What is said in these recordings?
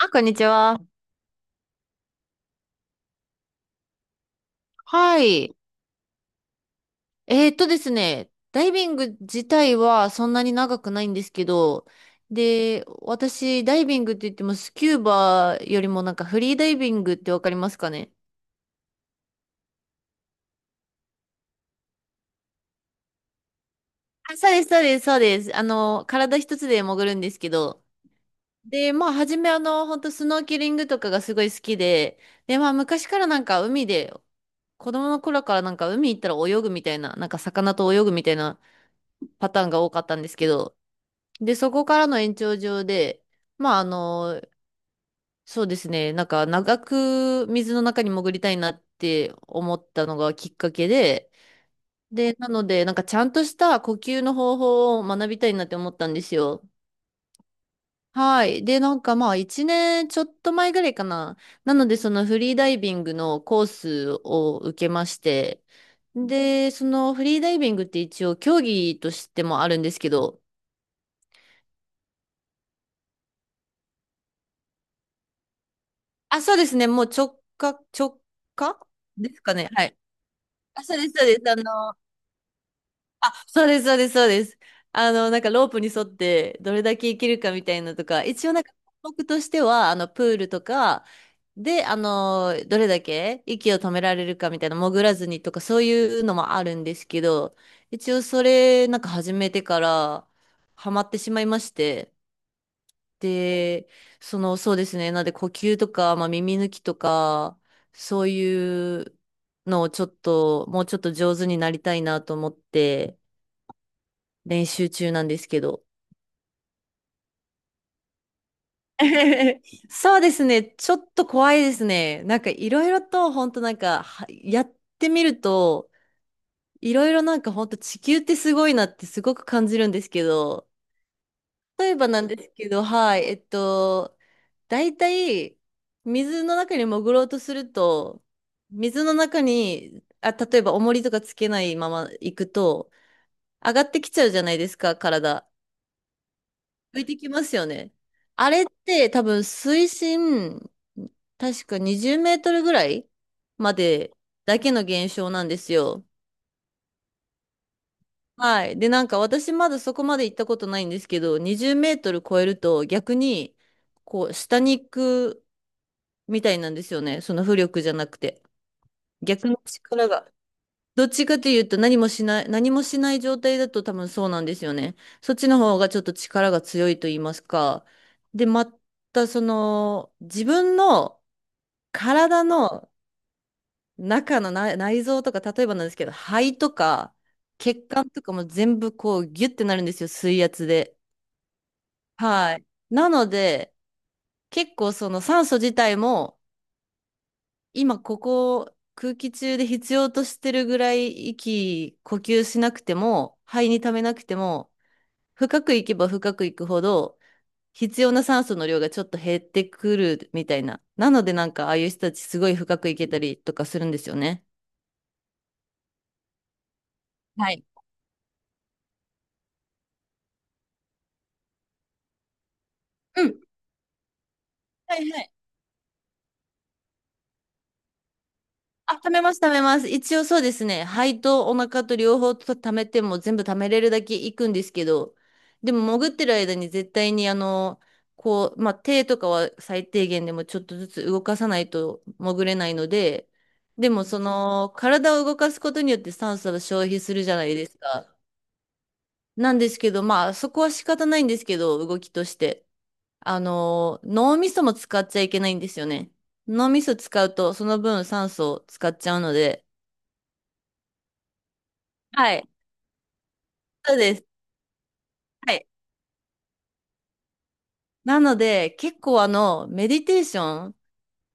あ、こんにちは。はい。ですね、ダイビング自体はそんなに長くないんですけど、で、私、ダイビングって言ってもスキューバよりもフリーダイビングってわかりますかね？あ、そうです、そうです、そうです。体一つで潜るんですけど、で、まあ、初めあの、本当スノーケリングとかがすごい好きで、で、まあ、昔から海で、子供の頃から海行ったら泳ぐみたいな、魚と泳ぐみたいなパターンが多かったんですけど、で、そこからの延長上で、まあ、あの、そうですね、長く水の中に潜りたいなって思ったのがきっかけで、で、なので、ちゃんとした呼吸の方法を学びたいなって思ったんですよ。はい。で、1年ちょっと前ぐらいかな。なので、そのフリーダイビングのコースを受けまして、で、そのフリーダイビングって一応競技としてもあるんですけど、あ、そうですね。もう直下ですかね。はい。あ、そうです、そうです。あの、あ、そうです、そうです、そうです。あの、ロープに沿ってどれだけ生きるかみたいなとか、一応なんか僕としては、あの、プールとかで、あの、どれだけ息を止められるかみたいな、潜らずにとか、そういうのもあるんですけど、一応それ、始めてからハマってしまいまして、で、なので、呼吸とか、まあ、耳抜きとか、そういうのをちょっと、もうちょっと上手になりたいなと思って、練習中なんですけど。そうですね。ちょっと怖いですね。いろいろと、本当なんか、はやってみると、いろいろなんか、本当地球ってすごいなってすごく感じるんですけど、例えばなんですけど、はい、大体、水の中に潜ろうとすると、水の中に、あ、例えば重りとかつけないまま行くと、上がってきちゃうじゃないですか、体。浮いてきますよね。あれって多分水深、確か20メートルぐらいまでだけの現象なんですよ。はい。で、私まだそこまで行ったことないんですけど、20メートル超えると逆に、こう、下に行くみたいなんですよね。その浮力じゃなくて。逆の力が。どっちかというと何もしない状態だと多分そうなんですよね。そっちの方がちょっと力が強いと言いますか。で、またその、自分の体の中の内臓とか、例えばなんですけど、肺とか、血管とかも全部こうギュッてなるんですよ、水圧で。はい。なので、結構その酸素自体も、今ここ空気中で必要としてるぐらい呼吸しなくても、肺に溜めなくても、深く行けば深く行くほど、必要な酸素の量がちょっと減ってくるみたいな。なのでああいう人たちすごい深く行けたりとかするんですよね。はい。うん。はいはい。あ、貯めます、貯めます。一応そうですね。肺とお腹と両方と貯めても全部貯めれるだけいくんですけど、でも潜ってる間に絶対に手とかは最低限でもちょっとずつ動かさないと潜れないので、でもその体を動かすことによって酸素を消費するじゃないですか。なんですけど、まあそこは仕方ないんですけど、動きとして。あの、脳みそも使っちゃいけないんですよね。脳みそ使うとその分酸素を使っちゃうので、はい。そうです。はい。なので、結構あの、メディテーション、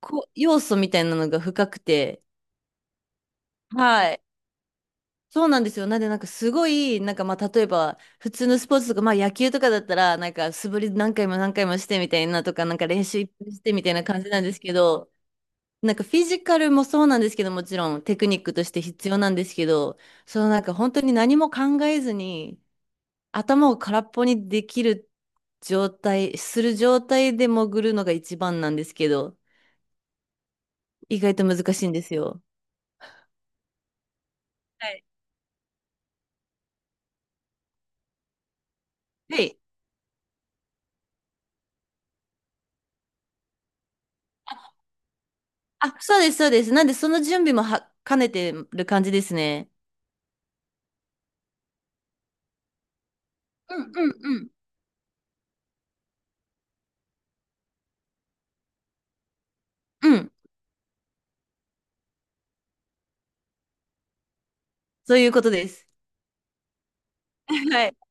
要素みたいなのが深くて、はい。そうなんですよ。なんで、なんかすごい、なんかまあ、例えば、普通のスポーツとか、まあ野球とかだったら、素振り何回も何回もしてみたいなとか、練習いっぱいしてみたいな感じなんですけど、フィジカルもそうなんですけど、もちろんテクニックとして必要なんですけど、本当に何も考えずに、頭を空っぽにできるする状態で潜るのが一番なんですけど、意外と難しいんですよ。はい。はい。あ、そうです、そうです。なんで、その準備もは兼ねてる感じですね。うんうんうん。うんそういうことです。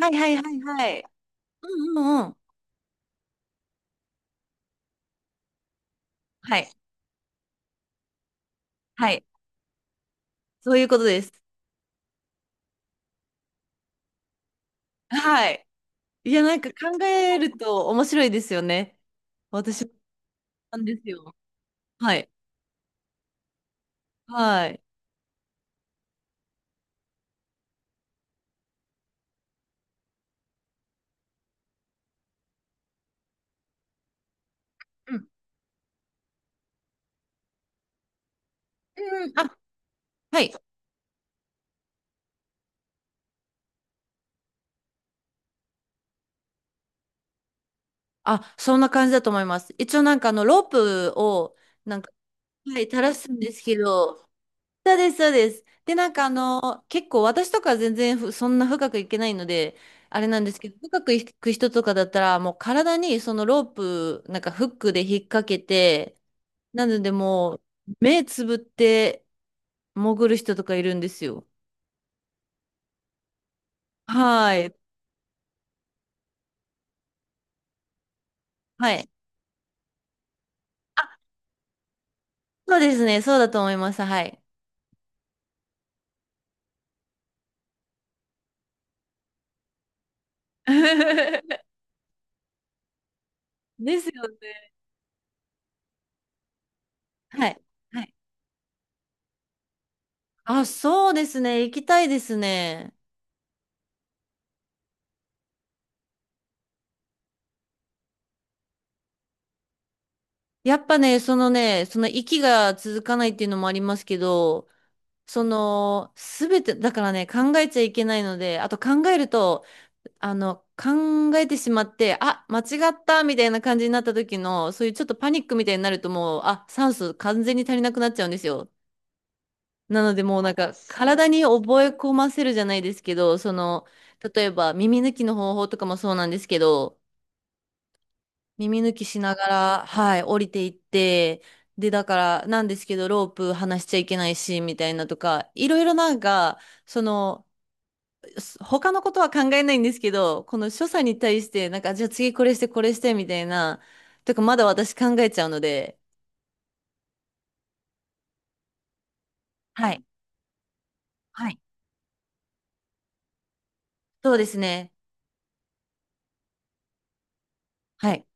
はいはいはいはい。ああはいはいはいはいうんうんうん。はい。はい。そういうことです。はい。いや、考えると面白いですよね。私もなんですよ。はい。はい。うん、あ、はい。あ、そんな感じだと思います。一応ロープを、なんか、はい、垂らすんですけど、そうです、そうです。で、結構私とか全然んな深くいけないので、あれなんですけど、深くいく人とかだったら、もう体にそのロープ、フックで引っ掛けて、なのでもう、目つぶって潜る人とかいるんですよ。はい。はい。あ、そうですね。そうだと思います。はい。ですよね。はい。はいあ、そうですね。行きたいですね。やっぱね、その息が続かないっていうのもありますけど、その、すべて、だからね、考えちゃいけないので、あと考えると、考えてしまって、あ、間違ったみたいな感じになった時の、そういうちょっとパニックみたいになるともう、あ、酸素完全に足りなくなっちゃうんですよ。なので、もうなんか、体に覚え込ませるじゃないですけど、その、例えば耳抜きの方法とかもそうなんですけど、耳抜きしながら、はい、降りていって、で、だから、なんですけど、ロープ離しちゃいけないし、みたいなとか、いろいろなんか、その、す他のことは考えないんですけど、この所作に対して、じゃあ次これして、これして、みたいな、とか、まだ私考えちゃうので、はい。はい。そうですね。はい。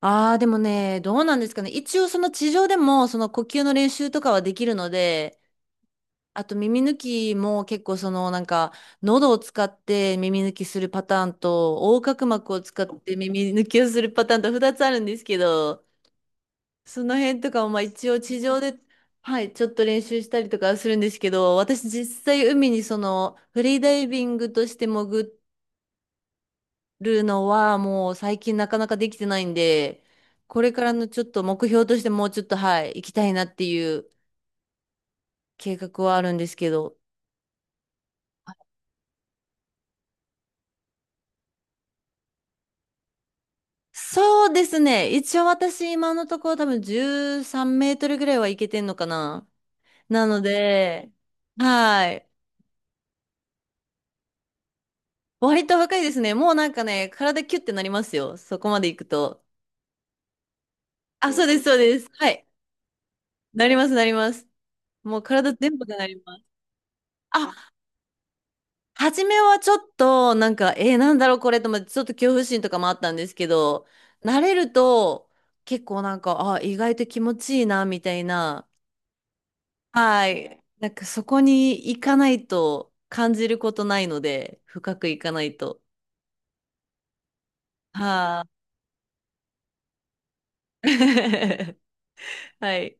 ああ、でもね、どうなんですかね。一応、その地上でも、その呼吸の練習とかはできるので、あと耳抜きも結構そのなんか喉を使って耳抜きするパターンと横隔膜を使って耳抜きをするパターンと2つあるんですけど、その辺とかもまあ一応地上ではいちょっと練習したりとかはするんですけど、私実際海にそのフリーダイビングとして潜るのはもう最近なかなかできてないんで、これからのちょっと目標としてもうちょっとはい行きたいなっていう計画はあるんですけど、そうですね。一応私今のところ多分13メートルぐらいはいけてんのかな。なので、はい。割と若いですね。もうなんかね、体キュッてなりますよ。そこまで行くと。あ、そうです、そうです。はい。なります、なります。もう体全部がなります。あ、初めはちょっと、なんだろうこれと思って、ちょっと恐怖心とかもあったんですけど、慣れると、結構なんか、あ、意外と気持ちいいな、みたいな。はい。そこに行かないと感じることないので、深く行かないと。はあ。はい。